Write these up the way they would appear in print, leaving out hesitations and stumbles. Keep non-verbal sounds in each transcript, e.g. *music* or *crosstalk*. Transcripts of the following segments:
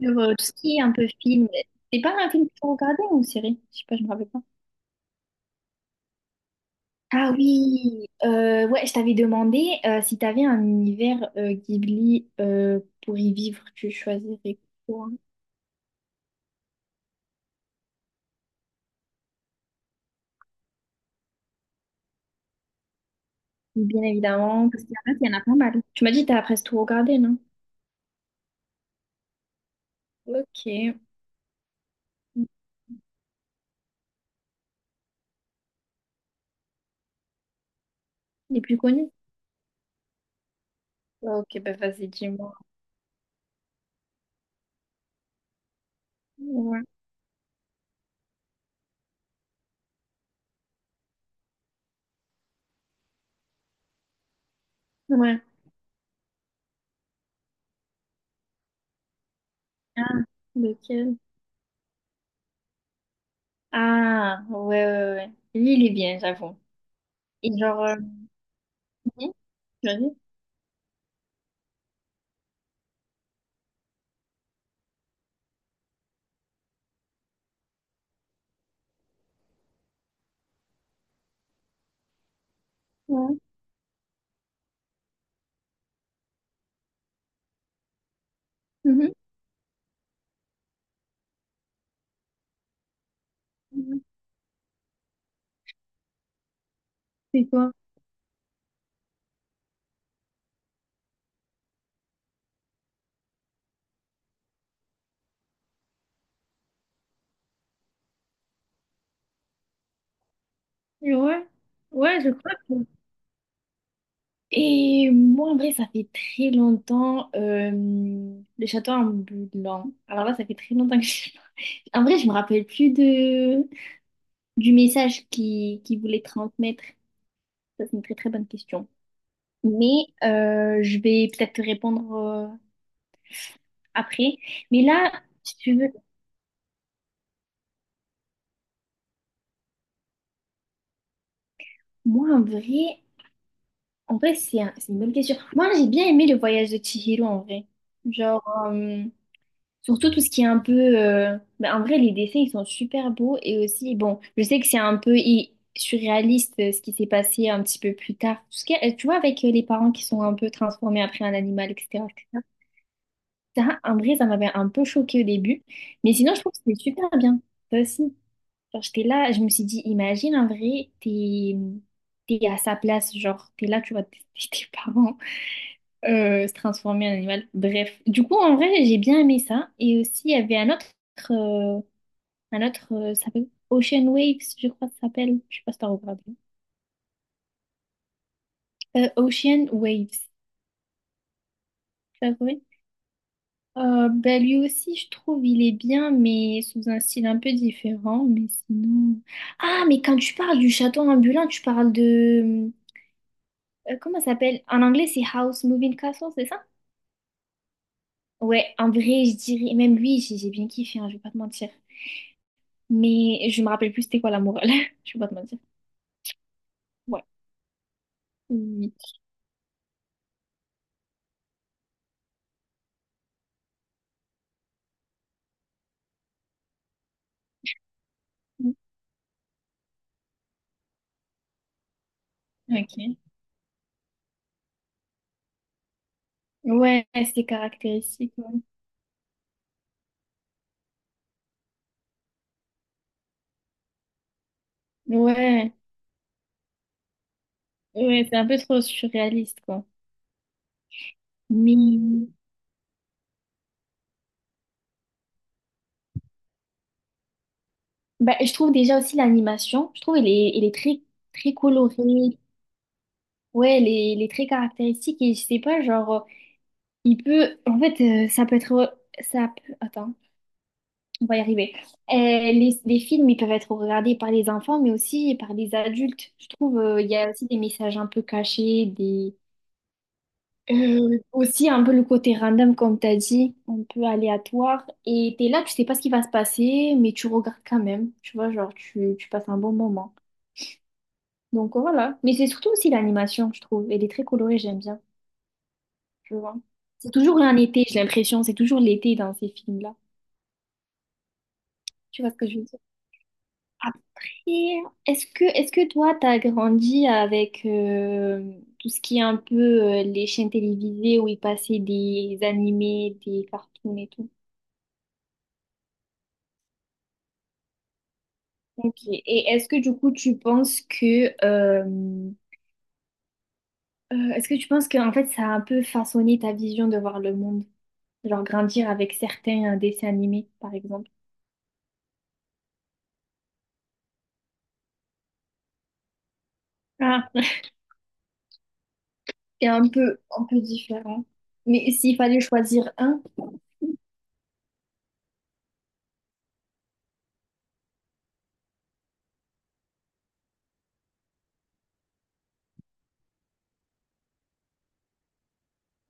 Sur tout ce qui est un peu film. C'est pas un film que tu regardais ou une série? Je sais pas, je me rappelle pas. Ah oui, ouais, je t'avais demandé si t'avais un univers Ghibli pour y vivre, tu choisirais quoi? Bien évidemment, parce qu'il y en a pas mal. Tu m'as dit que t'as presque tout regardé, non? Ok. Les plus connus? Ok, bah vas-y, dis-moi. Ouais. Ouais. Ah, lequel? Ah, ouais, ouais, ouais. Lui, il est bien, j'avoue. Et genre, mhm. Vas-y. Ouais. Mhm. C'est quoi? Ouais, ouais, je crois que... Et moi, en vrai, ça fait très longtemps, le château en blanc. Alors là, ça fait très longtemps que je... En vrai, je me rappelle plus... de... du message qui voulait transmettre. Ça, c'est une très très bonne question. Mais je vais peut-être te répondre après. Mais là, si tu veux, moi, en vrai, c'est une bonne question. Moi, j'ai bien aimé le voyage de Chihiro, en vrai. Genre... euh, surtout tout ce qui est un peu... bah, en vrai, les dessins, ils sont super beaux. Et aussi, bon, je sais que c'est un peu surréaliste, ce qui s'est passé un petit peu plus tard. Tout ce qui est- Tu vois, avec les parents qui sont un peu transformés après un animal, etc. etc. Ça, en vrai, ça m'avait un peu choqué au début. Mais sinon, je trouve que c'était super bien. Ça aussi. Genre, j'étais là, je me suis dit, imagine, en vrai, t'es à sa place. Genre, t'es là, tu vois, tes *laughs* tes parents se transformer en animal. Bref, du coup, en vrai, j'ai bien aimé ça. Et aussi, il y avait un autre, euh, ça s'appelle Ocean Waves, je crois que ça s'appelle. Je sais pas si t'as regardé. Ocean Waves, t'as trouvé? Bah, lui aussi, je trouve, il est bien, mais sous un style un peu différent. Mais sinon. Ah, mais quand tu parles du château ambulant, tu parles de... comment ça s'appelle? En anglais, c'est House Moving Castle, c'est ça? Ouais, en vrai, je dirais. Même lui, j'ai bien kiffé, hein, je vais pas te mentir. Mais je me rappelle plus c'était quoi la morale. *laughs* Je peux pas te mentir. Ouais. Oui. Ok. Ouais, c'est caractéristique. Ouais. Ouais, ouais, c'est un peu trop surréaliste, quoi. Mais bah, je trouve déjà aussi l'animation, je trouve elle est très, très colorée. Ouais, elle est très caractéristique et je sais pas, genre, il peut. En fait, ça peut être. Ça peut... Attends. On va y arriver. Les films, ils peuvent être regardés par les enfants, mais aussi par les adultes. Je trouve, il y a aussi des messages un peu cachés, des... aussi un peu le côté random, comme tu as dit, un peu aléatoire. Et tu es là, tu sais pas ce qui va se passer, mais tu regardes quand même. Tu vois, genre, tu passes un bon moment. Donc voilà. Mais c'est surtout aussi l'animation, je trouve. Elle est très colorée, j'aime bien. Je vois. C'est toujours un été, j'ai l'impression. C'est toujours l'été dans ces films-là. Tu vois ce que je veux dire? Après, est-ce que toi, t'as grandi avec tout ce qui est un peu les chaînes télévisées où ils passaient des animés, des cartoons et tout? Ok. Et est-ce que du coup, tu penses que, est-ce que tu penses que en fait, ça a un peu façonné ta vision de voir le monde? Genre grandir avec certains dessins animés, par exemple. Ah. C'est un peu différent. Mais s'il fallait choisir un,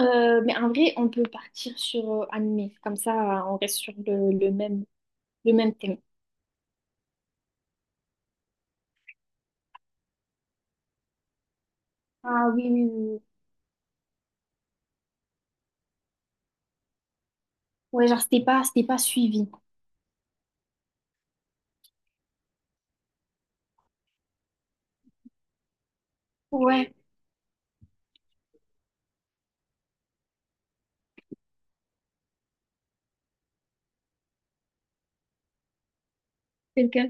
Mais en vrai, on peut partir sur animé. Comme ça, on reste sur le même, le même, thème. Ah oui, oui, oui. Oui. Ouais, genre, c'était pas suivi. Ouais, c'est le cas.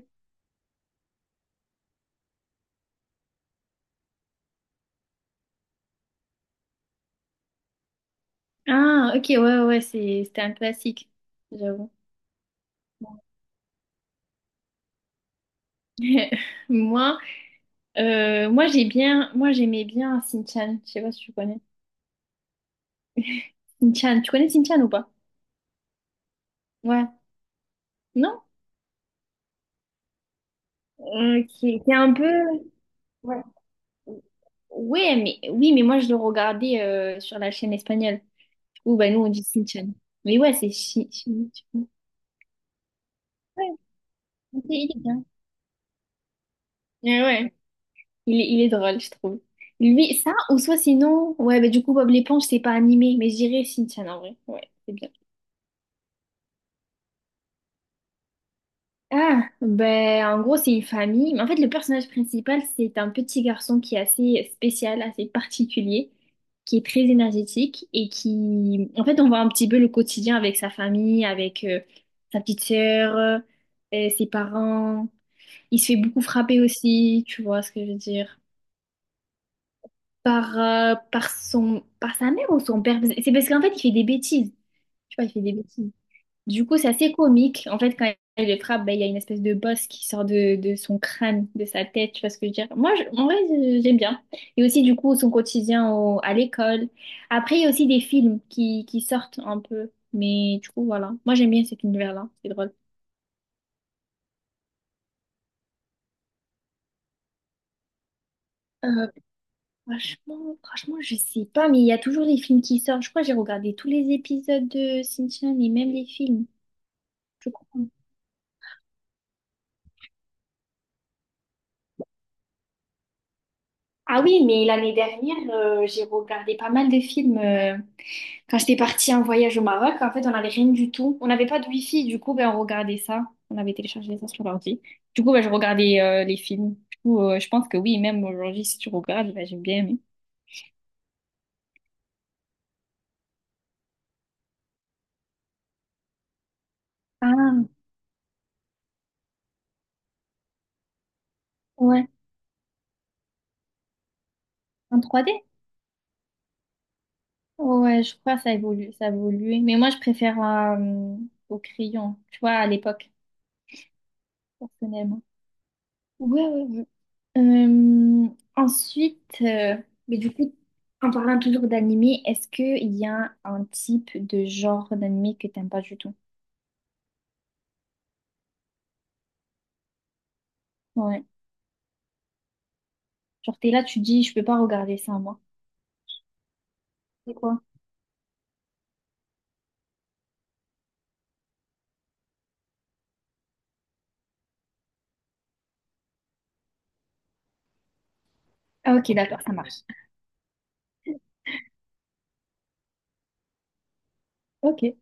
Ah, ok, ouais, ouais, c'était un classique, j'avoue. *laughs* Moi, moi j'aimais bien Shin-chan, je sais pas si tu connais. Shin-chan, tu connais Shin-chan ou pas? Ouais. Non? Qui est un peu... Ouais. Ouais, mais, oui, mais moi je le regardais sur la chaîne espagnole. Ou bah nous on dit Shin-chan. Mais ouais, c'est Shin... Ouais, il est bien. Ouais, ouais. Il est drôle, je trouve. Lui, ça, ou soit sinon... Ouais, bah du coup Bob l'éponge c'est pas animé, mais je dirais Shin-chan en vrai. Ouais, c'est bien. Ah, ben, en gros, c'est une famille. Mais en fait, le personnage principal, c'est un petit garçon qui est assez spécial, assez particulier, qui est très énergétique et qui, en fait, on voit un petit peu le quotidien avec sa famille, avec sa petite sœur, et ses parents. Il se fait beaucoup frapper aussi, tu vois ce que je veux dire, par, par sa mère ou son père. C'est parce qu'en fait, il fait des bêtises. Tu vois, il fait des bêtises. Du coup, c'est assez comique. En fait, quand il le frappe, ben, il y a une espèce de bosse qui sort de son crâne, de sa tête, tu vois ce que je veux dire. Moi, en vrai, j'aime bien. Et aussi, du coup, son quotidien à l'école. Après, il y a aussi des films qui sortent un peu. Mais du coup, voilà. Moi, j'aime bien cet univers-là. C'est drôle. Euh, franchement, franchement, je sais pas, mais il y a toujours des films qui sortent. Je crois que j'ai regardé tous les épisodes de Shinchan et même les films, je crois. Ah oui, mais l'année dernière, j'ai regardé pas mal de films. Quand j'étais partie en voyage au Maroc, en fait, on n'avait rien du tout. On n'avait pas de wifi, du coup, ben, on regardait ça. On avait téléchargé ça sur l'ordi. Du coup, ben, je regardais les films. Du coup, je pense que oui, même aujourd'hui, si tu regardes, ben, j'ai bien aimé. Ah, ouais. En 3D? Ouais, je crois que ça évolue, ça a évolué. Mais moi, je préfère au crayon, tu vois, à l'époque, personnellement. Ouais, ouais, ouais. Euh, ensuite, mais du coup, en parlant toujours d'animé, est-ce qu'il y a un type de genre d'animé que t'aimes pas du tout? Ouais. Genre, t'es là, tu dis, je peux pas regarder ça, moi. C'est quoi? Ah, ok, d'accord, ça marche. Ok.